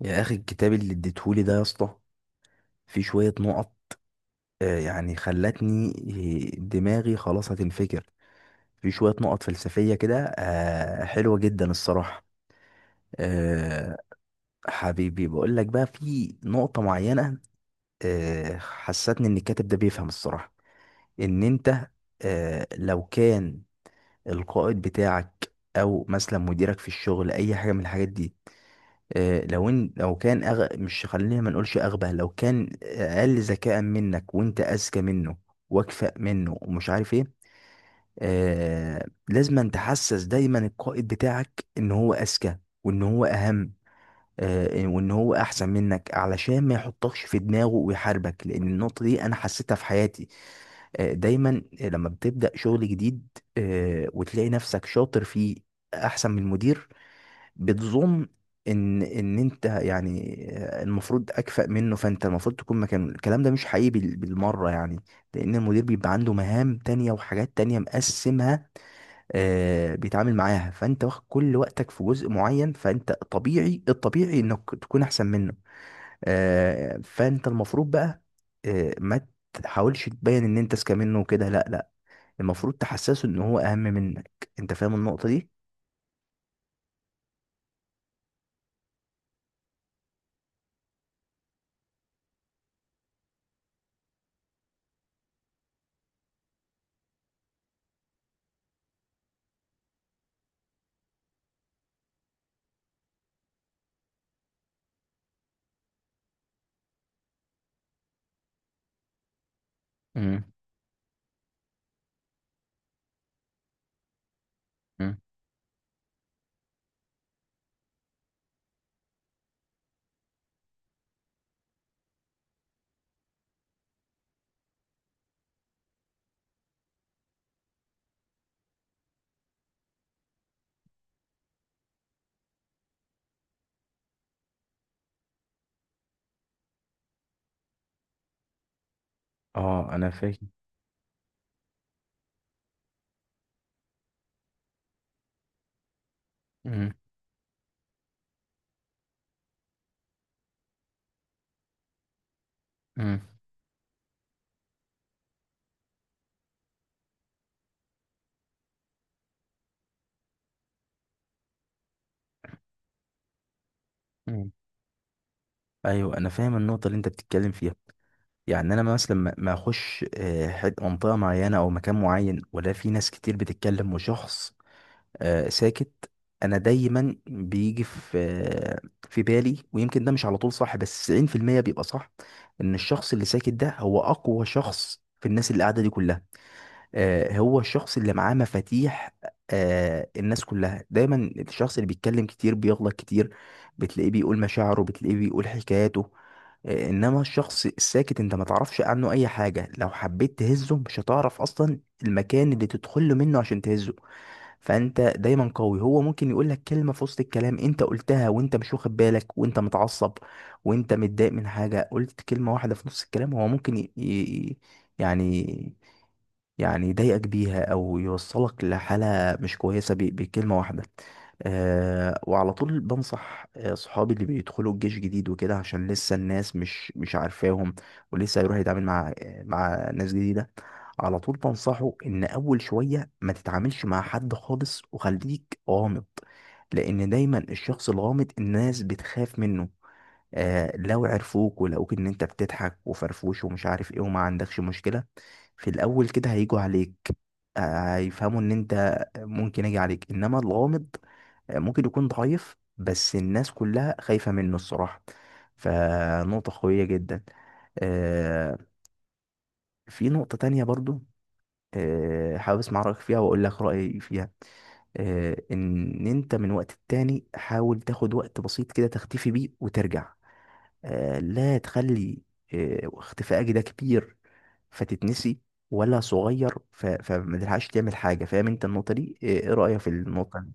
يا اخي، الكتاب اللي اديتهولي ده يا اسطى، في شويه نقط. آه، يعني خلتني آه، دماغي خلاص هتنفجر. في شويه نقط فلسفيه كده، حلوه جدا الصراحه. آه، حبيبي، بقول لك بقى في نقطه معينه. حسستني ان الكاتب ده بيفهم الصراحه، ان انت لو كان القائد بتاعك او مثلا مديرك في الشغل، اي حاجه من الحاجات دي. مش، خلينا ما نقولش اغبى، لو كان اقل ذكاء منك وانت اذكى منه واكفأ منه ومش عارف ايه. لازم تحسس دايما القائد بتاعك ان هو اذكى وان هو اهم، وان هو احسن منك علشان ما يحطكش في دماغه ويحاربك، لان النقطة دي انا حسيتها في حياتي. دايما لما بتبدأ شغل جديد وتلاقي نفسك شاطر فيه، احسن من المدير، بتظن ان ان انت، يعني المفروض اكفأ منه، فانت المفروض تكون مكانه. الكلام ده مش حقيقي بالمره يعني، لان المدير بيبقى عنده مهام تانية وحاجات تانية مقسمها، بيتعامل معاها، فانت واخد كل وقتك في جزء معين، فانت طبيعي، الطبيعي انك تكون احسن منه. فانت المفروض بقى ما تحاولش تبين ان انت اذكى منه وكده. لا لا، المفروض تحسسه ان هو اهم منك. انت فاهم النقطه دي؟ مم. مم. اه، انا فاهم. مم. مم. ايوه، انا فاهم النقطه اللي انت بتتكلم فيها. يعني انا مثلا ما اخش منطقه معينه او مكان معين، ولا في ناس كتير بتتكلم وشخص ساكت، انا دايما بيجي في في بالي، ويمكن ده مش على طول صح، بس 90% بيبقى صح، ان الشخص اللي ساكت ده هو اقوى شخص في الناس اللي قاعده دي كلها. هو الشخص اللي معاه مفاتيح الناس كلها. دايما الشخص اللي بيتكلم كتير بيغلط كتير، بتلاقيه بيقول مشاعره، بتلاقيه بيقول حكاياته. انما الشخص الساكت انت ما تعرفش عنه اي حاجة، لو حبيت تهزه مش هتعرف اصلا المكان اللي تدخل له منه عشان تهزه. فانت دايما قوي. هو ممكن يقول لك كلمة في وسط الكلام انت قلتها وانت مش واخد بالك وانت متعصب وانت متضايق من حاجة، قلت كلمة واحدة في نص الكلام، هو ممكن يعني يضايقك بيها او يوصلك لحاله مش كويسه، بكلمه واحده. أه، وعلى طول بنصح صحابي اللي بيدخلوا الجيش جديد وكده، عشان لسه الناس مش عارفاهم، ولسه هيروح يتعامل مع مع ناس جديده، على طول بنصحه ان اول شويه ما تتعاملش مع حد خالص وخليك غامض، لان دايما الشخص الغامض الناس بتخاف منه. لو عرفوك ولقوك ان انت بتضحك وفرفوش ومش عارف ايه وما عندكش مشكلة، في الاول كده هيجوا عليك، هيفهموا ان انت ممكن اجي عليك. انما الغامض ممكن يكون ضعيف بس الناس كلها خايفة منه الصراحة. فنقطة قوية جدا. آه في نقطة تانية برضو، حابب اسمع رأيك فيها واقول لك رأيي فيها. ان انت من وقت التاني حاول تاخد وقت بسيط كده تختفي بيه وترجع. لا تخلي اختفائك ده كبير فتتنسي، ولا صغير فما تلحقش تعمل حاجة. فاهم انت النقطة دي؟ ايه رأيك في النقطة دي؟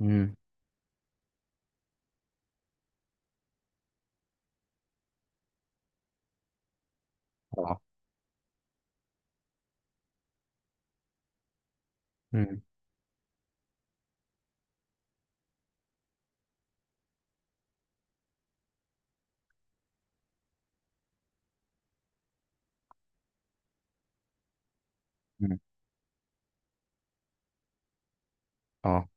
امم. اه. امم. أمم. اه.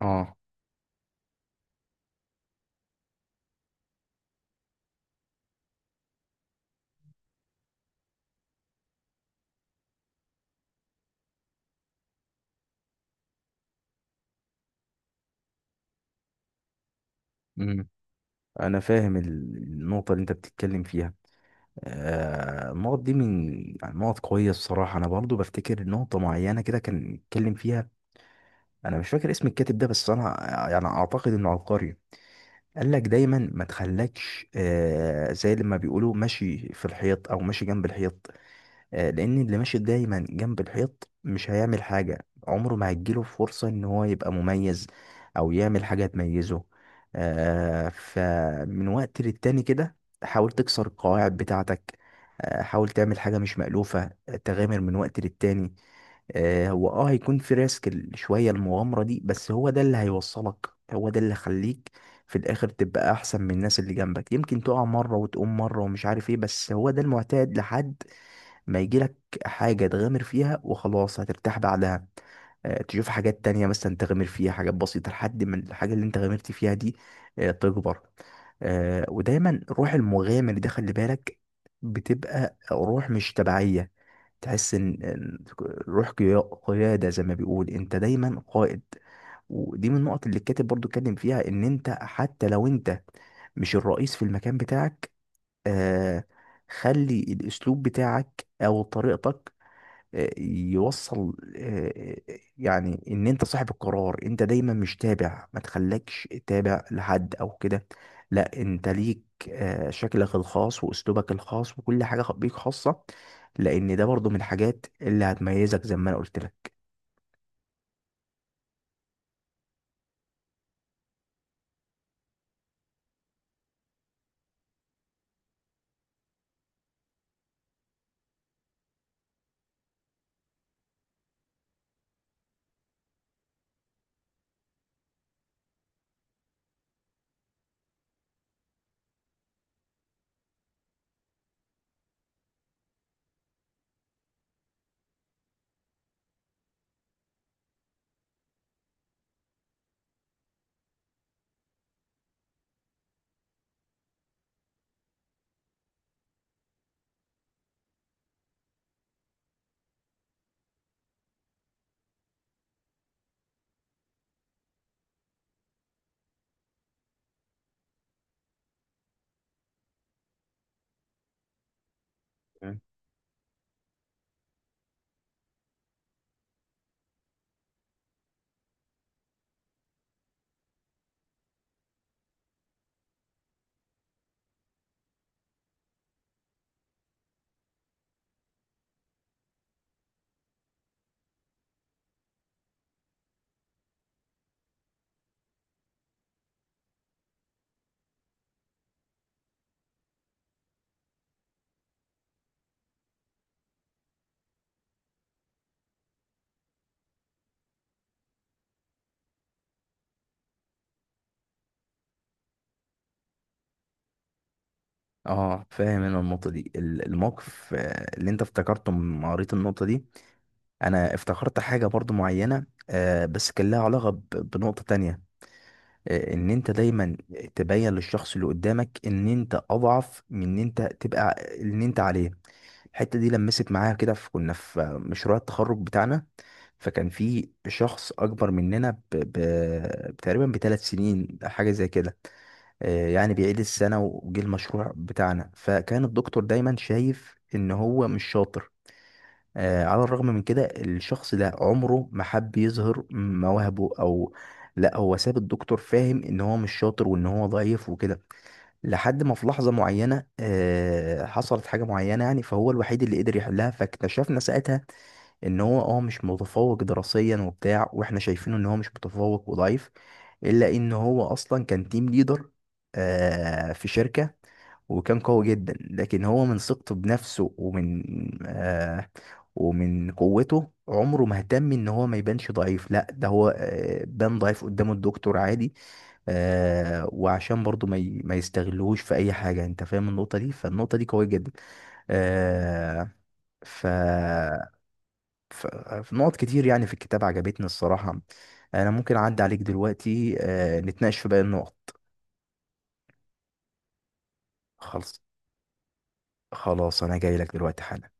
اه. امم. انا فاهم النقطة اللي انت بتتكلم فيها. النقط دي من، يعني نقط قوية الصراحة. انا برضو بفتكر نقطة معينة كده كان اتكلم فيها، انا مش فاكر اسم الكاتب ده، بس انا يعني اعتقد انه عبقري. قال لك دايما ما تخلكش زي لما بيقولوا ماشي في الحيط او ماشي جنب الحيط، لان اللي ماشي دايما جنب الحيط مش هيعمل حاجة، عمره ما هتجيله فرصة ان هو يبقى مميز او يعمل حاجة تميزه. فمن وقت للتاني كده حاول تكسر القواعد بتاعتك، حاول تعمل حاجة مش مألوفة، تغامر من وقت للتاني. هو اه هيكون في ريسك، شوية المغامرة دي، بس هو ده اللي هيوصلك، هو ده اللي يخليك في الاخر تبقى احسن من الناس اللي جنبك. يمكن تقع مرة وتقوم مرة ومش عارف ايه، بس هو ده المعتاد لحد ما يجيلك حاجة تغامر فيها وخلاص هترتاح بعدها. تشوف حاجات تانية مثلا تغامر فيها، حاجات بسيطة لحد ما الحاجة اللي انت غامرت فيها دي تكبر. ودايما روح المغامر ده خلي بالك بتبقى روح مش تبعية، تحس ان روح قيا- قيادة، زي ما بيقول، انت دايما قائد. ودي من النقط اللي الكاتب برضو اتكلم فيها ان انت حتى لو انت مش الرئيس في المكان بتاعك، آه خلي الاسلوب بتاعك او طريقتك آه، يوصل آه، آه، يعني ان انت صاحب القرار، انت دايما مش تابع، ما تخليكش تابع لحد او كده. لا، انت ليك شكلك الخاص واسلوبك الخاص وكل حاجة بيك خاصة، لان ده برضو من الحاجات اللي هتميزك زي ما انا قلت لك. مم. اه، فاهم انا النقطة دي. الموقف اللي انت افتكرته لما قريت النقطة دي، انا افتكرت حاجة برضو معينة، بس كان لها علاقة بنقطة تانية. ان انت دايما تبين للشخص اللي قدامك ان انت اضعف من ان انت تبقى ان انت عليه. الحته دي لمست معايا كده في، كنا في مشروع التخرج بتاعنا، فكان في شخص اكبر مننا تقريبا بثلاث سنين، حاجه زي كده. يعني بيعيد السنه وجه المشروع بتاعنا، فكان الدكتور دايما شايف ان هو مش شاطر. على الرغم من كده الشخص ده عمره ما حب يظهر مواهبه او، لا هو ساب الدكتور فاهم ان هو مش شاطر وان هو ضعيف وكده، لحد ما في لحظة معينة حصلت حاجة معينة، يعني فهو الوحيد اللي قدر يحلها. فاكتشفنا ساعتها ان هو اه مش متفوق دراسيا وبتاع، واحنا شايفينه ان هو مش متفوق وضعيف، الا ان هو اصلا كان تيم ليدر في شركة، وكان قوي جدا. لكن هو من ثقته بنفسه ومن آه ومن قوته عمره ما اهتم ان هو ما يبانش ضعيف. لا ده هو بان ضعيف قدام الدكتور عادي، وعشان برضو ما يستغلوش في اي حاجة. انت فاهم النقطة دي؟ فالنقطة دي قوية جدا. آه ف ف- في نقط كتير يعني في الكتاب عجبتني الصراحة. أنا ممكن أعدي عليك دلوقتي نتناقش في باقي النقط. خلص، خلاص أنا جاي لك دلوقتي حالا.